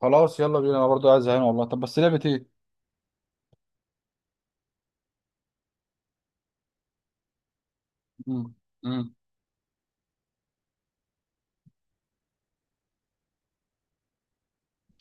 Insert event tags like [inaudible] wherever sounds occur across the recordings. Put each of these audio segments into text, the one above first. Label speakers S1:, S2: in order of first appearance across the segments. S1: خلاص يلا بينا، انا برضو عايز زهقان والله. طب بس لعبة ايه؟ امم امم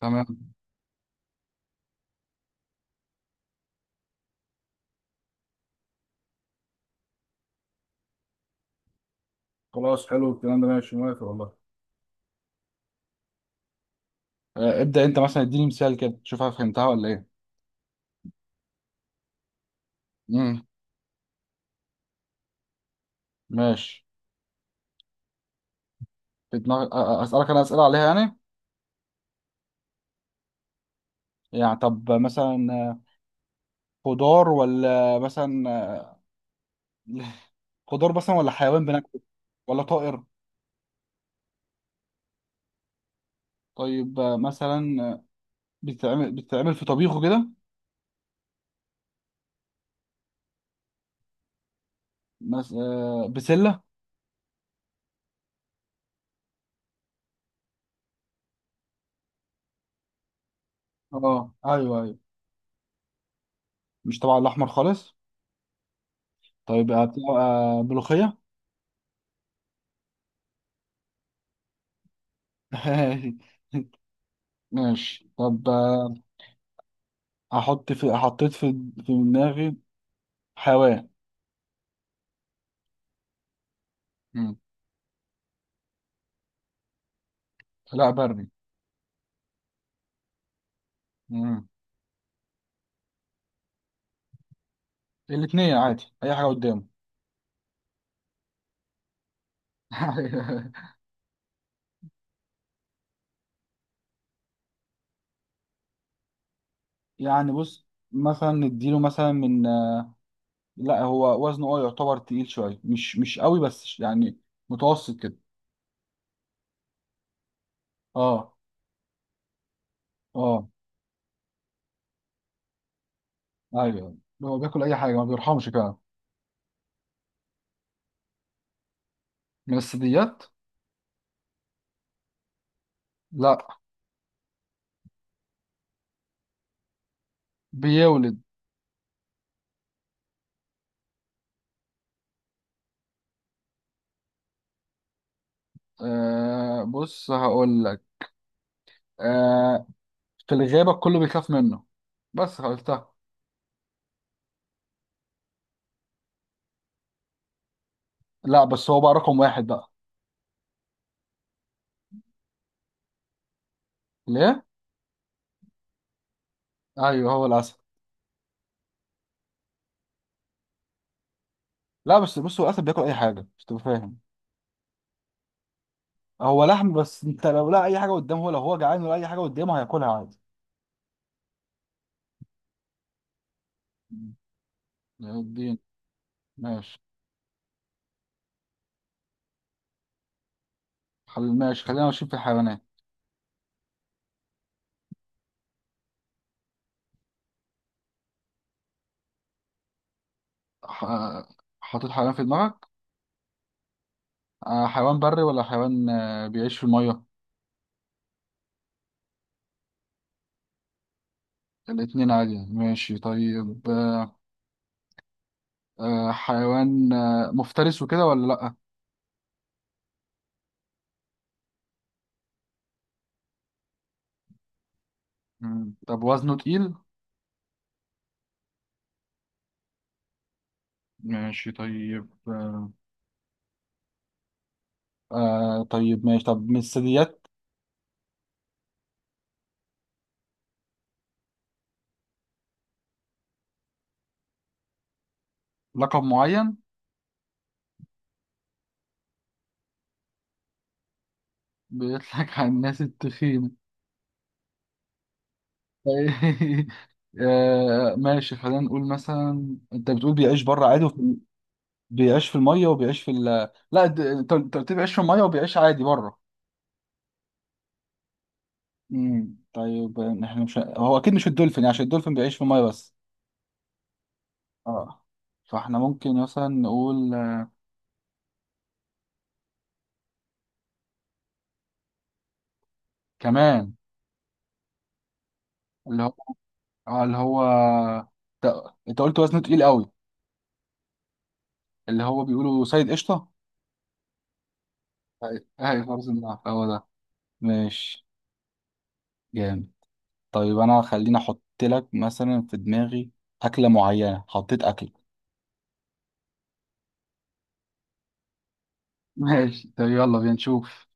S1: تمام. خلاص حلو الكلام ده ماشي موافق والله. آه، ابدأ انت مثلا اديني مثال كده، شوف أنا فهمتها ولا ايه؟ امم ماشي. في دماغ اسالك انا اسئله عليها يعني؟ يعني طب مثلا خضار ولا مثلا [laughs] خضار مثلا ولا حيوان بناكله؟ ولا طائر؟ طيب مثلا بتتعمل في طبيخه كده. بسله؟ اه ايوه ايوه. مش طبعا الاحمر خالص. طيب بتبقى ملوخيه؟ [laughs] ماشي طب. احط في حطيت في في دماغي حيوان. مم. لا بري. مم. الاتنين عادي، اي حاجه قدامه. [laughs] يعني بص، مثلا نديله مثلا من. لا هو وزنه يعتبر تقيل شويه، مش قوي بس يعني متوسط كده. اه اه ايوه. هو بياكل اي حاجه، ما بيرحمش كده. من الثدييات. لا. بيولد. آه بص هقول لك، آه، في الغابة كله بيخاف منه، بس قلتها. لا بس هو بقى رقم واحد بقى. ليه؟ ايوه هو الاسد. لا بس بص، هو الاسد بياكل اي حاجة، مش تبقى فاهم. هو لحم، بس انت لو لقى اي حاجة قدامه، لو هو جعان ولا اي حاجة قدامه هياكلها عادي. مم. يا الدين. ماشي. ماشي خلينا ماشيين في الحيوانات. ح... حاطط حيوان في دماغك. حيوان بري ولا حيوان بيعيش في المية؟ الاتنين عادي. ماشي طيب. حيوان مفترس وكده ولا لأ؟ مم. طب وزنه تقيل؟ ماشي طيب. طيب ماشي. طب من الثدييات. لقب معين؟ بيطلق على الناس التخينة. [laughs] آه ماشي، خلينا نقول مثلا انت بتقول بيعيش بره عادي وفي... بيعيش في المية وبيعيش في لا، انت قلت لي بيعيش في المية وبيعيش عادي بره. طيب احنا مش... هو اكيد مش الدولفين يعني، عشان الدولفين بيعيش في المية بس. اه. فاحنا ممكن مثلا نقول. كمان. اللي هو. اللي هو، انت قلت وزنه تقيل قوي، اللي هو بيقولوا سيد قشطة. أيوة. اهي فرز النهر هو ده. ماشي جامد. طيب انا خليني احط لك مثلا في دماغي اكلة معينة، حطيت اكل. ماشي طيب يلا بينا نشوف.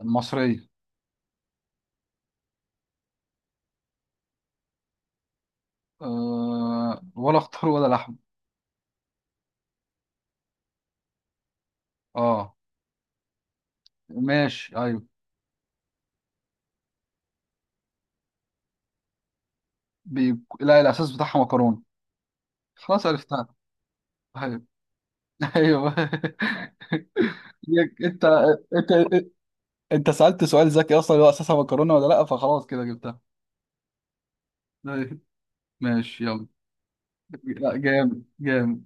S1: المصرية. ولا خضار ولا لحم. اه ماشي ايوه. لا الاساس بتاعها مكرونة. خلاص عرفتها. ايوه. [laughs] ايوه. يك- انت انت انت سألت سؤال ذكي اصلا، اللي هو اساسها مكرونة ولا لا، فخلاص كده جبتها. أيوة. ماشي يلا. لا جامد جامد.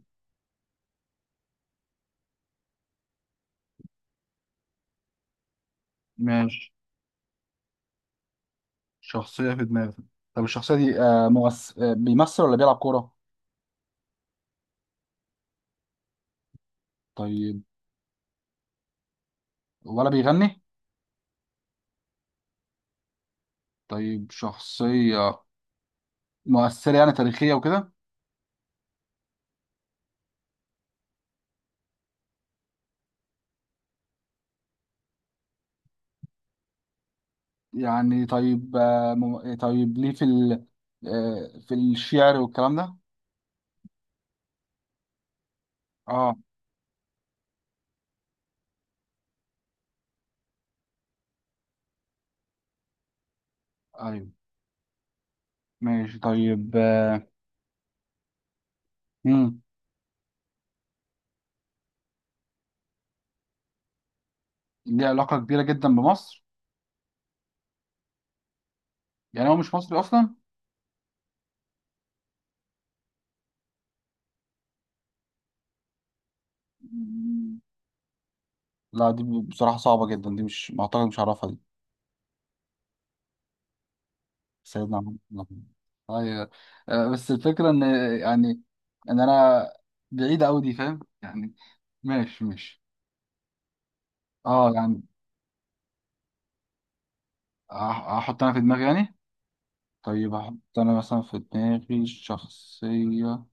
S1: ماشي. شخصية في دماغك. طب الشخصية دي آه ممس... آه بيمثل ولا بيلعب كورة؟ طيب. ولا بيغني؟ طيب شخصية مؤثرة يعني تاريخية وكده؟ يعني طيب طيب ليه في ال... آه في الشعر والكلام ده؟ اه ايوه. ماشي طيب. مم. ليه علاقة كبيرة جدا بمصر؟ يعني هو مش مصري أصلا؟ مم. لا دي بصراحة صعبة جدا، دي مش... ما أعتقد مش هعرفها دي. سيدنا عمر. ايوه. بس الفكره ان يعني ان انا بعيده قوي دي، فاهم يعني. ماشي ماشي. اه يعني أح- احط انا في دماغي يعني. طيب احط انا مثلا في دماغي شخصيه.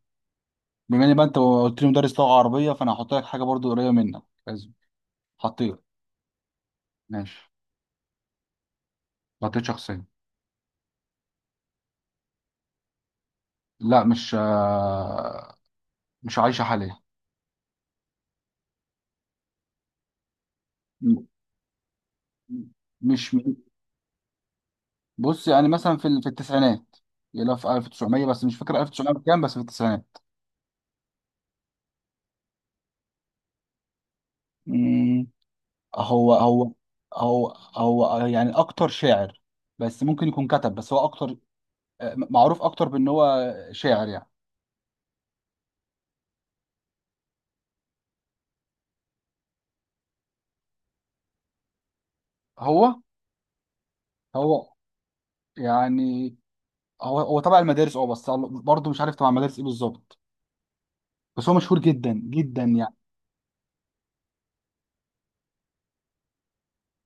S1: بما ان بقى انت قلت لي مدرس لغه عربيه، فانا هحط لك حاجه برضو قريبه منك لازم. حطيت. ماشي. حطيت شخصيه. لا، مش عايشه حاليا. م- مش. بص يعني مثلا في في التسعينات، يلا في 1900 بس مش فاكر 1900 كام، بس في التسعينات. مم. هو. هو هو يعني اكتر شاعر، بس ممكن يكون كتب بس هو اكتر معروف اكتر بان هو شاعر يعني. هو هو يعني هو تبع المدارس، اه بس برضه مش عارف تبع المدارس ايه بالظبط، بس هو مشهور جدا جدا يعني.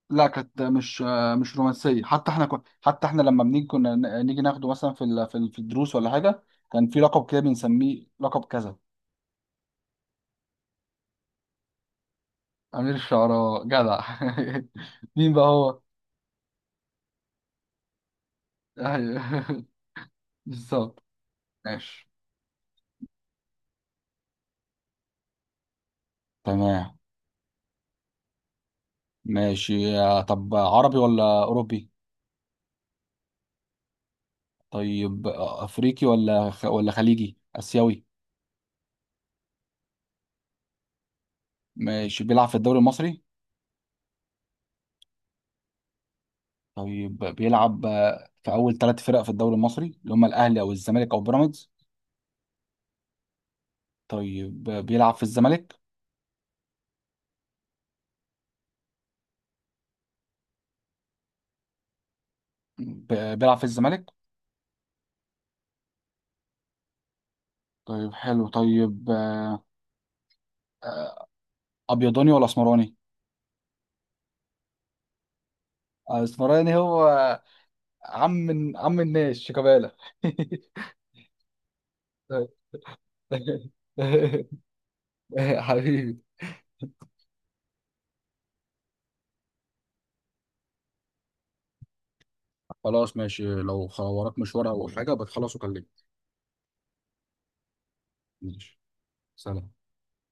S1: لا كانت مش رومانسيه، حتى حتى احنا لما بنيجي كنا نيجي ناخده مثلا في في الدروس ولا حاجه، كان في لقب كده بنسميه لقب كذا. امير الشعراء جدع. [laughs] مين بقى هو؟ ايوه، [laughs] بالظبط. ماشي. تمام. ماشي. طب عربي ولا اوروبي؟ طيب افريقي ولا ولا خليجي اسيوي؟ ماشي، بيلعب في الدوري المصري. طيب بيلعب في اول 3 فرق في الدوري المصري اللي هم الاهلي او الزمالك او بيراميدز. طيب بيلعب في الزمالك. بيلعب في الزمالك. طيب حلو. طيب ابيضاني ولا اسمراني. اسمراني هو عم عم الناس شيكابالا. [laughs] طيب. [laughs] حبيبي. خلاص ماشي، لو وراك مشوار او حاجه بتخلص وكلمني. ماشي. سلام.